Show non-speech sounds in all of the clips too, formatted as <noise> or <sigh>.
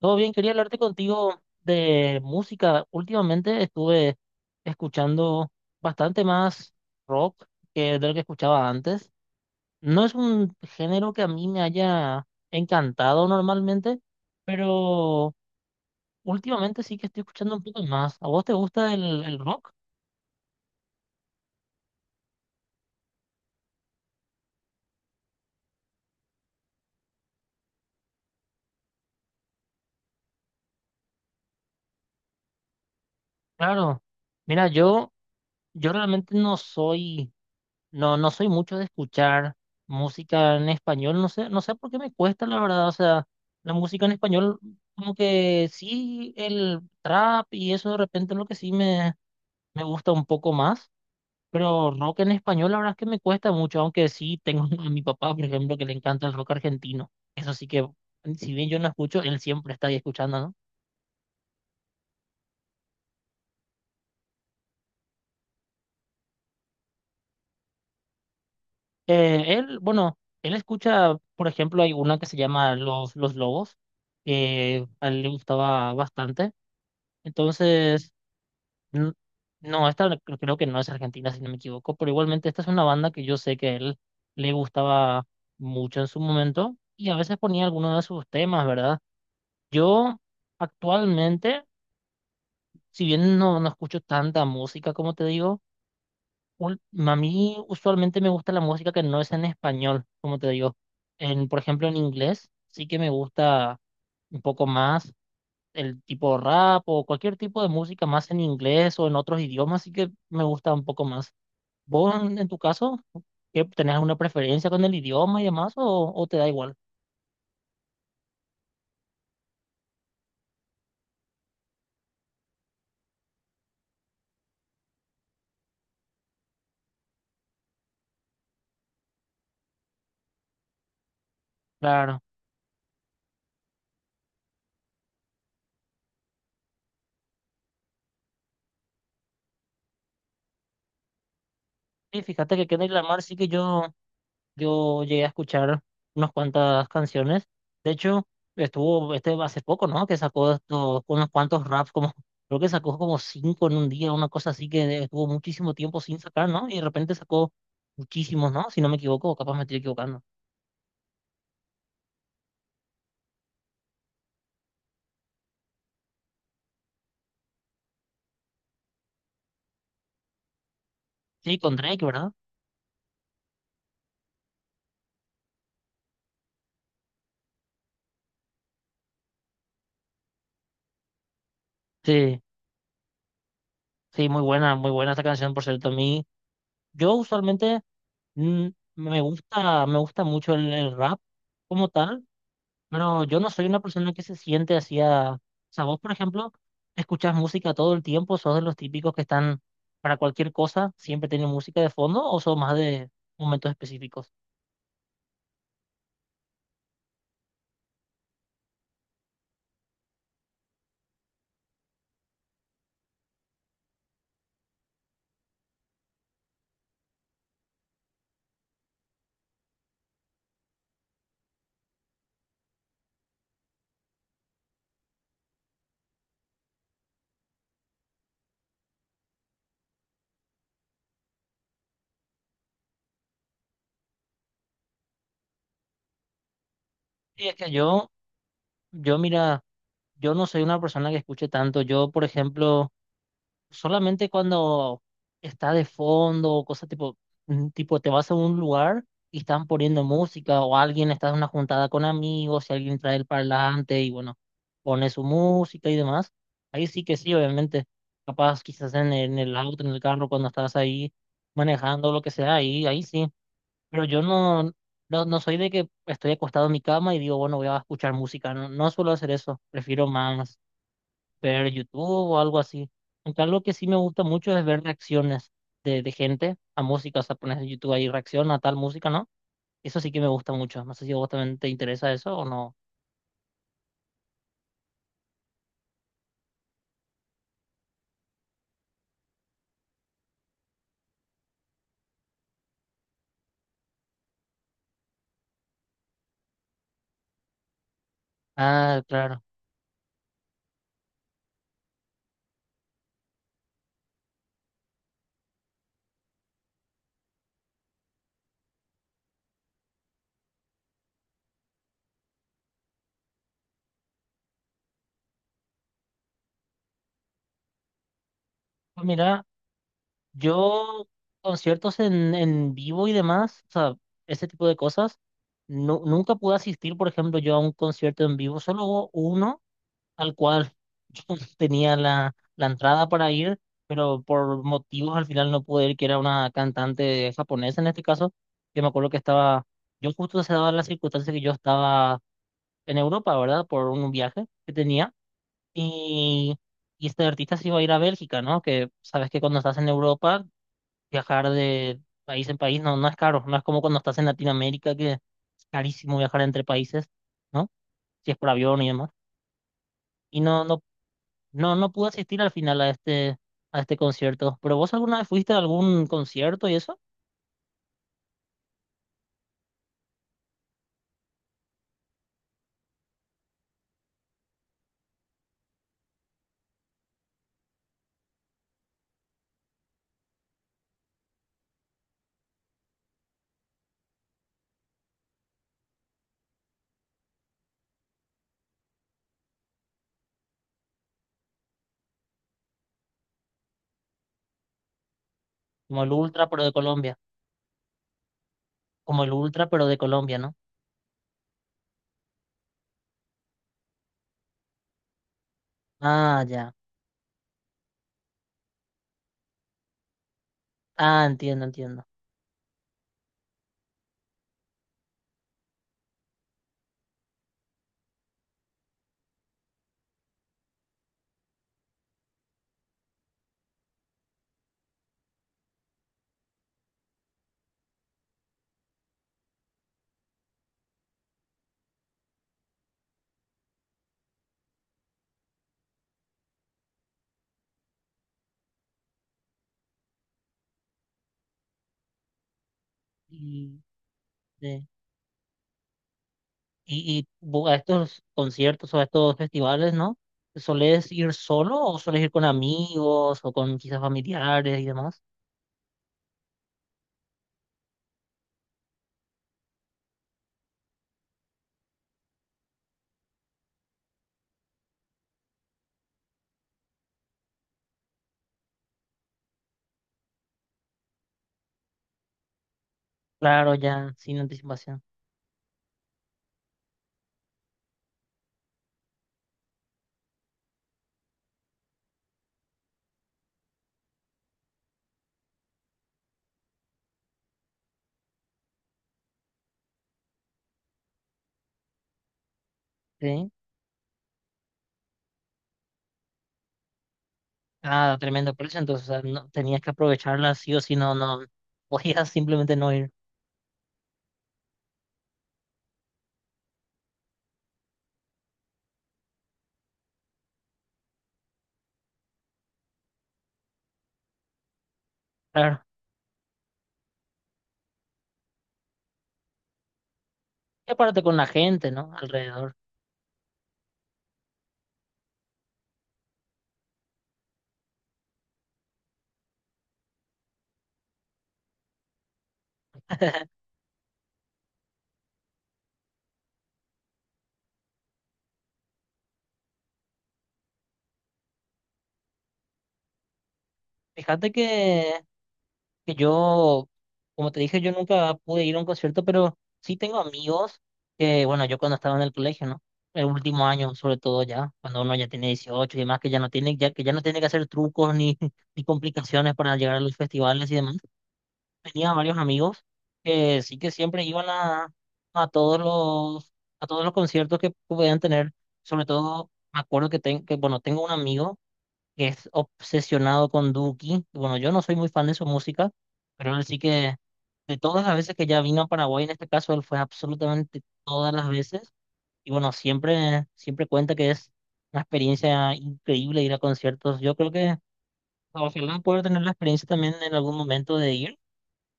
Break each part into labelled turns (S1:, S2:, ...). S1: Todo bien, quería hablarte contigo de música. Últimamente estuve escuchando bastante más rock que de lo que escuchaba antes. No es un género que a mí me haya encantado normalmente, pero últimamente sí que estoy escuchando un poco más. ¿A vos te gusta el rock? Claro. Mira, yo realmente no soy. No soy mucho de escuchar música en español, no sé, no sé por qué me cuesta, la verdad, o sea, la música en español, como que sí, el trap y eso de repente es lo que sí me gusta un poco más, pero rock en español, la verdad es que me cuesta mucho, aunque sí tengo <laughs> a mi papá, por ejemplo, que le encanta el rock argentino, eso sí que, si bien yo no escucho, él siempre está ahí escuchando, ¿no? Él, bueno, él escucha, por ejemplo, hay una que se llama Los Lobos, que a él le gustaba bastante. Entonces, n- no, esta no- creo que no es argentina, si no me equivoco, pero igualmente esta es una banda que yo sé que a él le gustaba mucho en su momento y a veces ponía algunos de sus temas, ¿verdad? Yo actualmente, si bien no escucho tanta música, como te digo, ul- a mí usualmente me gusta la música que no es en español, como te digo. Por ejemplo, en inglés sí que me gusta un poco más. El tipo rap o cualquier tipo de música más en inglés o en otros idiomas, así que me gusta un poco más. ¿Vos en tu caso, qué, tenés alguna preferencia con el idioma y demás o te da igual? Claro. Sí, fíjate que Kendrick Lamar sí que yo llegué a escuchar unas cuantas canciones. De hecho, estuvo este hace poco, ¿no? Que sacó estos, unos cuantos raps, como, creo que sacó como cinco en un día, una cosa así que estuvo muchísimo tiempo sin sacar, ¿no? Y de repente sacó muchísimos, ¿no? Si no me equivoco, capaz me estoy equivocando. Sí, con Drake, ¿verdad? Sí, sí, muy buena esta canción, por cierto. A mí, yo usualmente mm, me gusta mucho el rap como tal, pero yo no soy una persona que se siente así a... O sea, vos, por ejemplo, escuchás música todo el tiempo, sos de los típicos que están para cualquier cosa, siempre tienen música de fondo, o sos más de momentos específicos. Sí, es que yo mira, yo no soy una persona que escuche tanto. Yo, por ejemplo, solamente cuando está de fondo o cosas tipo, tipo te vas a un lugar y están poniendo música o alguien está en una juntada con amigos y alguien trae el parlante y bueno, pone su música y demás. Ahí sí que sí, obviamente. Capaz quizás en el auto, en el carro, cuando estás ahí manejando, lo que sea, ahí sí. Pero yo no soy de que estoy acostado en mi cama y digo, bueno, voy a escuchar música. No, no suelo hacer eso. Prefiero más ver YouTube o algo así. Aunque algo que sí me gusta mucho es ver reacciones de gente a música, o sea, pones en YouTube ahí reacción a tal música, ¿no? Eso sí que me gusta mucho. No sé si a vos también te interesa eso o no. Ah, claro. Pues mira, yo conciertos en vivo y demás, o sea, ese tipo de cosas, nunca pude asistir, por ejemplo, yo a un concierto en vivo, solo hubo uno. Tal cual. <laughs> Yo tenía la entrada para ir, pero por motivos al final no pude ir, que era una cantante japonesa en este caso, que me acuerdo que estaba, yo justo se daba la circunstancia que yo estaba en Europa, ¿verdad? Por un viaje que tenía. Y, y este artista se iba a ir a Bélgica, ¿no? Que sabes que cuando estás en Europa, viajar de país en país no es caro, no es como cuando estás en Latinoamérica, que es carísimo viajar entre países, ¿no? Si es por avión y demás. Y no, no no pude asistir al final a a este concierto. ¿Pero vos alguna vez fuiste a algún concierto y eso? Como el Ultra, pero de Colombia. Como el Ultra, pero de Colombia, ¿no? Ah, ya. Ah, entiendo, entiendo. Y, sí. Y a estos conciertos o a estos festivales, ¿no? ¿Solés ir solo o solés ir con amigos o con quizás familiares y demás? Claro, ya, sin anticipación. Sí. Ah, tremendo precio. Entonces, o sea, no, tenías que aprovecharla sí o sí, no, no. <laughs> Podías simplemente no ir. Claro. Y aparte con la gente, ¿no? Alrededor. Fíjate que yo, como te dije, yo nunca pude ir a un concierto, pero sí tengo amigos que, bueno, yo cuando estaba en el colegio, ¿no? El último año, sobre todo ya, cuando uno ya tiene 18 y demás, que ya no tiene, ya, que ya no tiene que hacer trucos ni, <laughs> ni complicaciones para llegar a los festivales y demás. Tenía varios amigos que sí que siempre iban a todos a todos los conciertos que podían tener, sobre todo, me acuerdo que, que bueno, tengo un amigo. Que es obsesionado con Duki. Bueno, yo no soy muy fan de su música, pero él sí que de todas las veces que ya vino a Paraguay, en este caso, él fue absolutamente todas las veces. Y bueno, siempre, siempre cuenta que es una experiencia increíble ir a conciertos. Yo creo que ojalá poder tener la experiencia también en algún momento de ir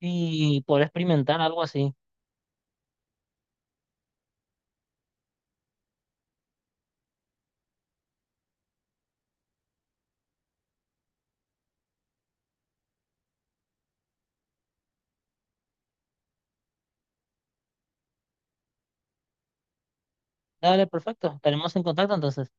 S1: y poder experimentar algo así. Dale, perfecto. Estaremos en contacto entonces.